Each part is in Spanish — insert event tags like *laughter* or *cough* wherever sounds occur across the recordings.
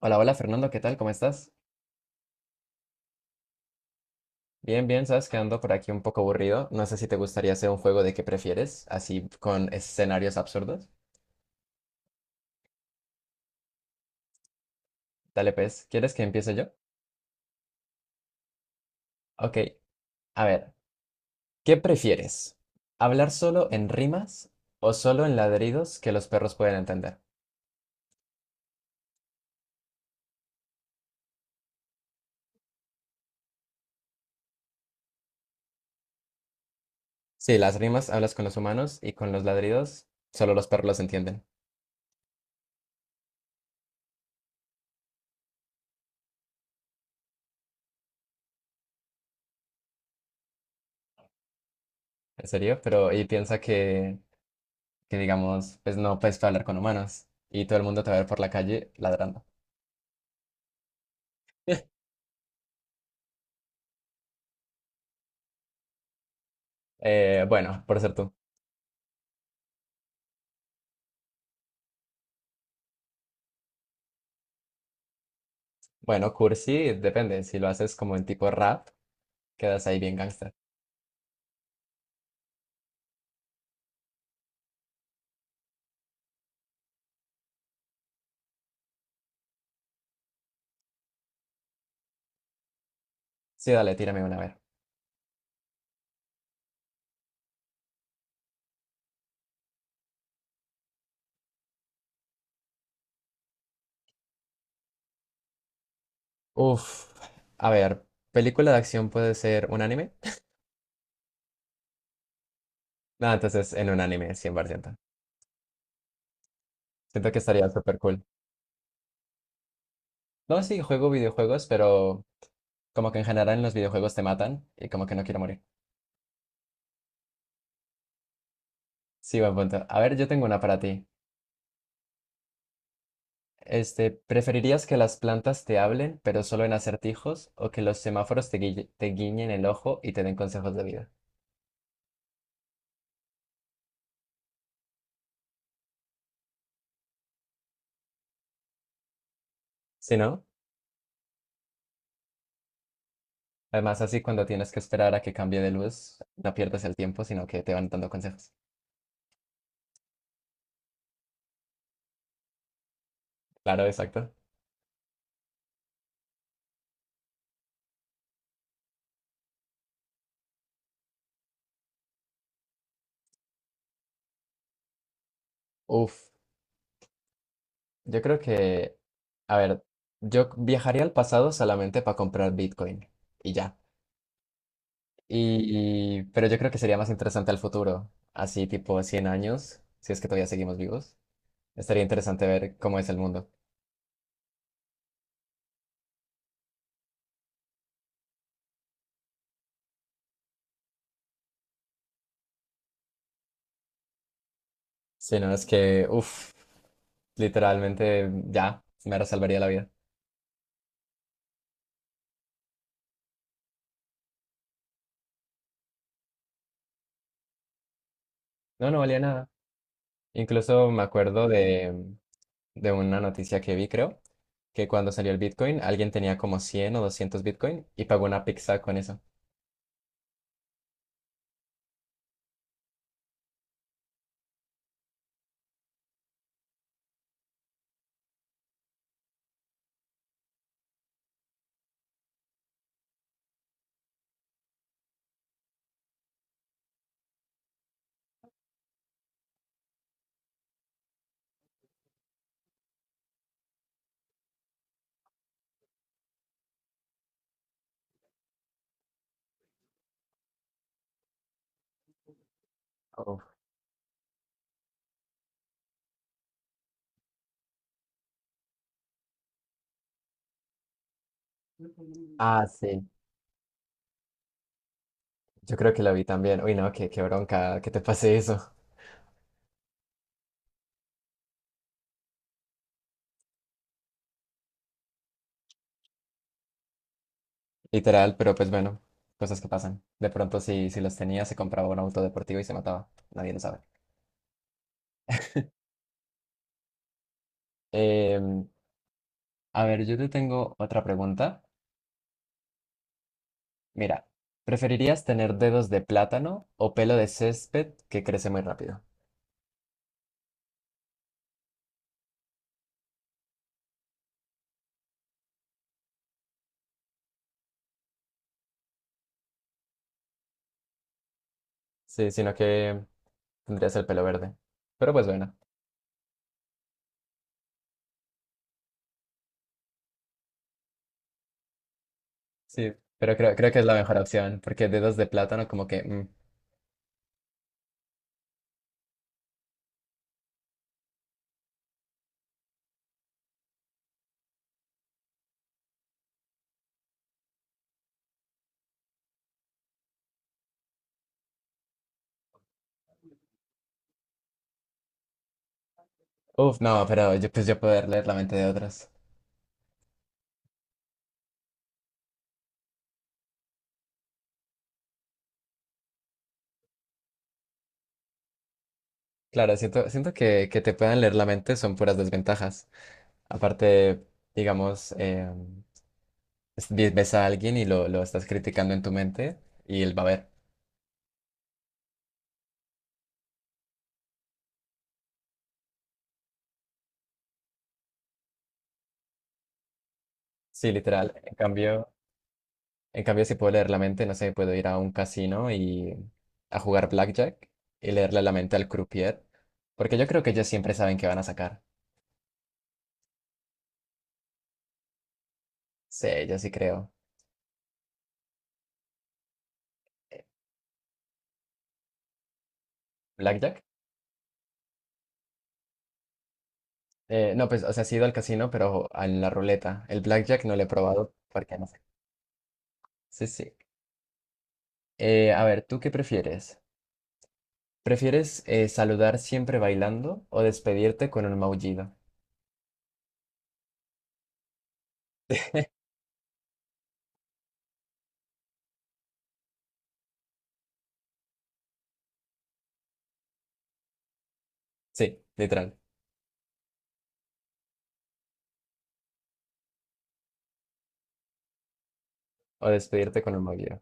Hola, hola Fernando, ¿qué tal? ¿Cómo estás? Bien, bien, sabes que ando por aquí un poco aburrido. No sé si te gustaría hacer un juego de qué prefieres, así con escenarios absurdos. Dale, pues, ¿quieres que empiece yo? Ok, a ver, ¿qué prefieres? ¿Hablar solo en rimas o solo en ladridos que los perros pueden entender? Sí, las rimas hablas con los humanos y con los ladridos solo los perros los entienden. ¿En serio? Pero y piensa que digamos, pues no puedes hablar con humanos y todo el mundo te va a ver por la calle ladrando. *laughs* Bueno, por ser tú. Bueno, cursi, depende. Si lo haces como en tipo rap, quedas ahí bien gangster. Sí, dale, tírame una, a ver. Uf, a ver, película de acción puede ser un anime. No, entonces en un anime, 100%. Siento que estaría súper cool. No, sí, juego videojuegos, pero como que en general en los videojuegos te matan y como que no quiero morir. Sí, buen punto. A ver, yo tengo una para ti. Este, ¿preferirías que las plantas te hablen, pero solo en acertijos, o que los semáforos te guiñen el ojo y te den consejos de vida? Si no? Además, así cuando tienes que esperar a que cambie de luz, no pierdes el tiempo, sino que te van dando consejos. Claro, exacto. Uf, yo creo que, a ver, yo viajaría al pasado solamente para comprar Bitcoin y ya. Pero yo creo que sería más interesante al futuro, así tipo 100 años, si es que todavía seguimos vivos. Estaría interesante ver cómo es el mundo. Si no, es que, uff literalmente ya, me salvaría la vida. No, no valía nada. Incluso me acuerdo de una noticia que vi, creo, que cuando salió el Bitcoin, alguien tenía como 100 o 200 Bitcoin y pagó una pizza con eso. Uf. Ah, sí. Yo creo que lo vi también. Uy, no, qué bronca que te pase eso. Literal, pero pues bueno, cosas que pasan. De pronto, si los tenía, se compraba un auto deportivo y se mataba. Nadie lo sabe. Em, a ver, yo te tengo otra pregunta. Mira, ¿preferirías tener dedos de plátano o pelo de césped que crece muy rápido? Sí, sino que tendrías el pelo verde. Pero pues bueno. Sí, pero creo que es la mejor opción, porque dedos de plátano como que Uf, no, pero yo, pues yo poder leer la mente de otras. Claro, siento que te puedan leer la mente son puras desventajas. Aparte, digamos, ves a alguien y lo estás criticando en tu mente y él va a ver. Sí, literal. En cambio, si puedo leer la mente, no sé, puedo ir a un casino y a jugar blackjack y leerle la mente al croupier, porque yo creo que ellos siempre saben qué van a sacar. Sí, yo sí creo. Eh, ¿Blackjack? No, pues, o sea, sí he ido al casino, pero a la ruleta. El blackjack no lo he probado porque no sé. Sí, sí. A ver, ¿tú qué prefieres? ¿Prefieres saludar siempre bailando o despedirte con un maullido? Sí, literal. O despedirte con un maullido.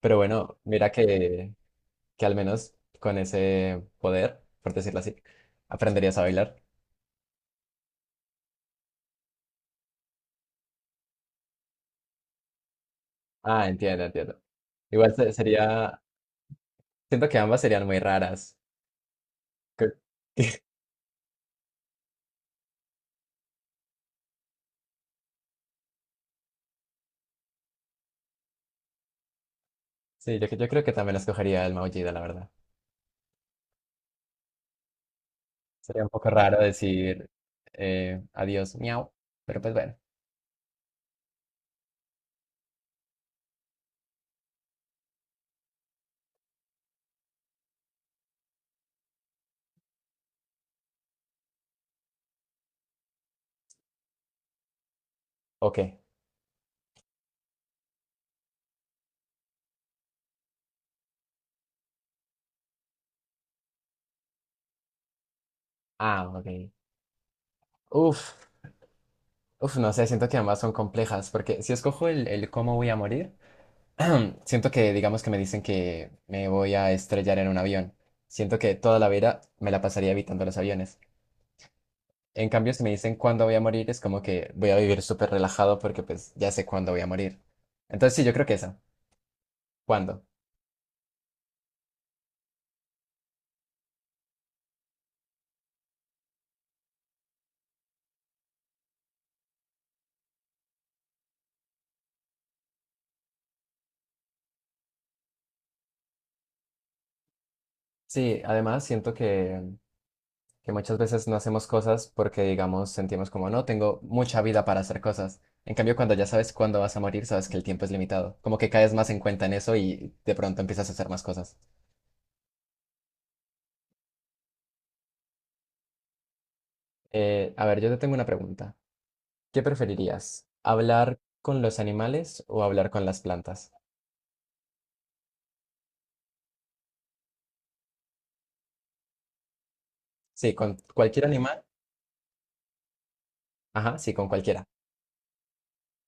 Pero bueno, mira que al menos con ese poder, por decirlo así, aprenderías a bailar. Ah, entiendo, entiendo. Igual sería, siento que ambas serían muy raras. Que- *laughs* Sí, yo creo que también escogería el maullido, la verdad. Sería un poco raro decir adiós, miau, pero pues bueno. Ok. Ah, ok. Uf, uf, no sé, siento que ambas son complejas, porque si escojo el cómo voy a morir, *clears throat* siento que digamos que me dicen que me voy a estrellar en un avión. Siento que toda la vida me la pasaría evitando los aviones. En cambio, si me dicen cuándo voy a morir, es como que voy a vivir súper relajado porque pues ya sé cuándo voy a morir. Entonces sí, yo creo que esa. ¿Cuándo? Sí, además siento que muchas veces no hacemos cosas porque, digamos, sentimos como, no, tengo mucha vida para hacer cosas. En cambio, cuando ya sabes cuándo vas a morir, sabes que el tiempo es limitado. Como que caes más en cuenta en eso y de pronto empiezas a hacer más cosas. A ver, yo te tengo una pregunta. ¿Qué preferirías? ¿Hablar con los animales o hablar con las plantas? Sí, con cualquier animal. Ajá, sí, con cualquiera.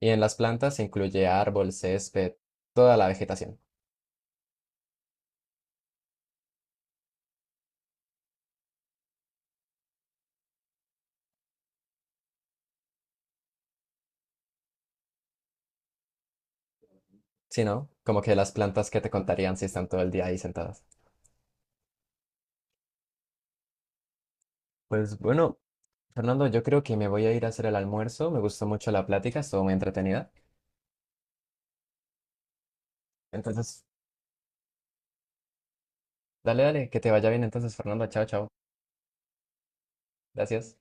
Y en las plantas incluye árbol, césped, toda la vegetación. Sí, ¿no? Como que las plantas que te contarían si están todo el día ahí sentadas. Pues bueno, Fernando, yo creo que me voy a ir a hacer el almuerzo. Me gustó mucho la plática, estuvo muy entretenida. Entonces, dale, dale, que te vaya bien entonces, Fernando. Chao, chao. Gracias.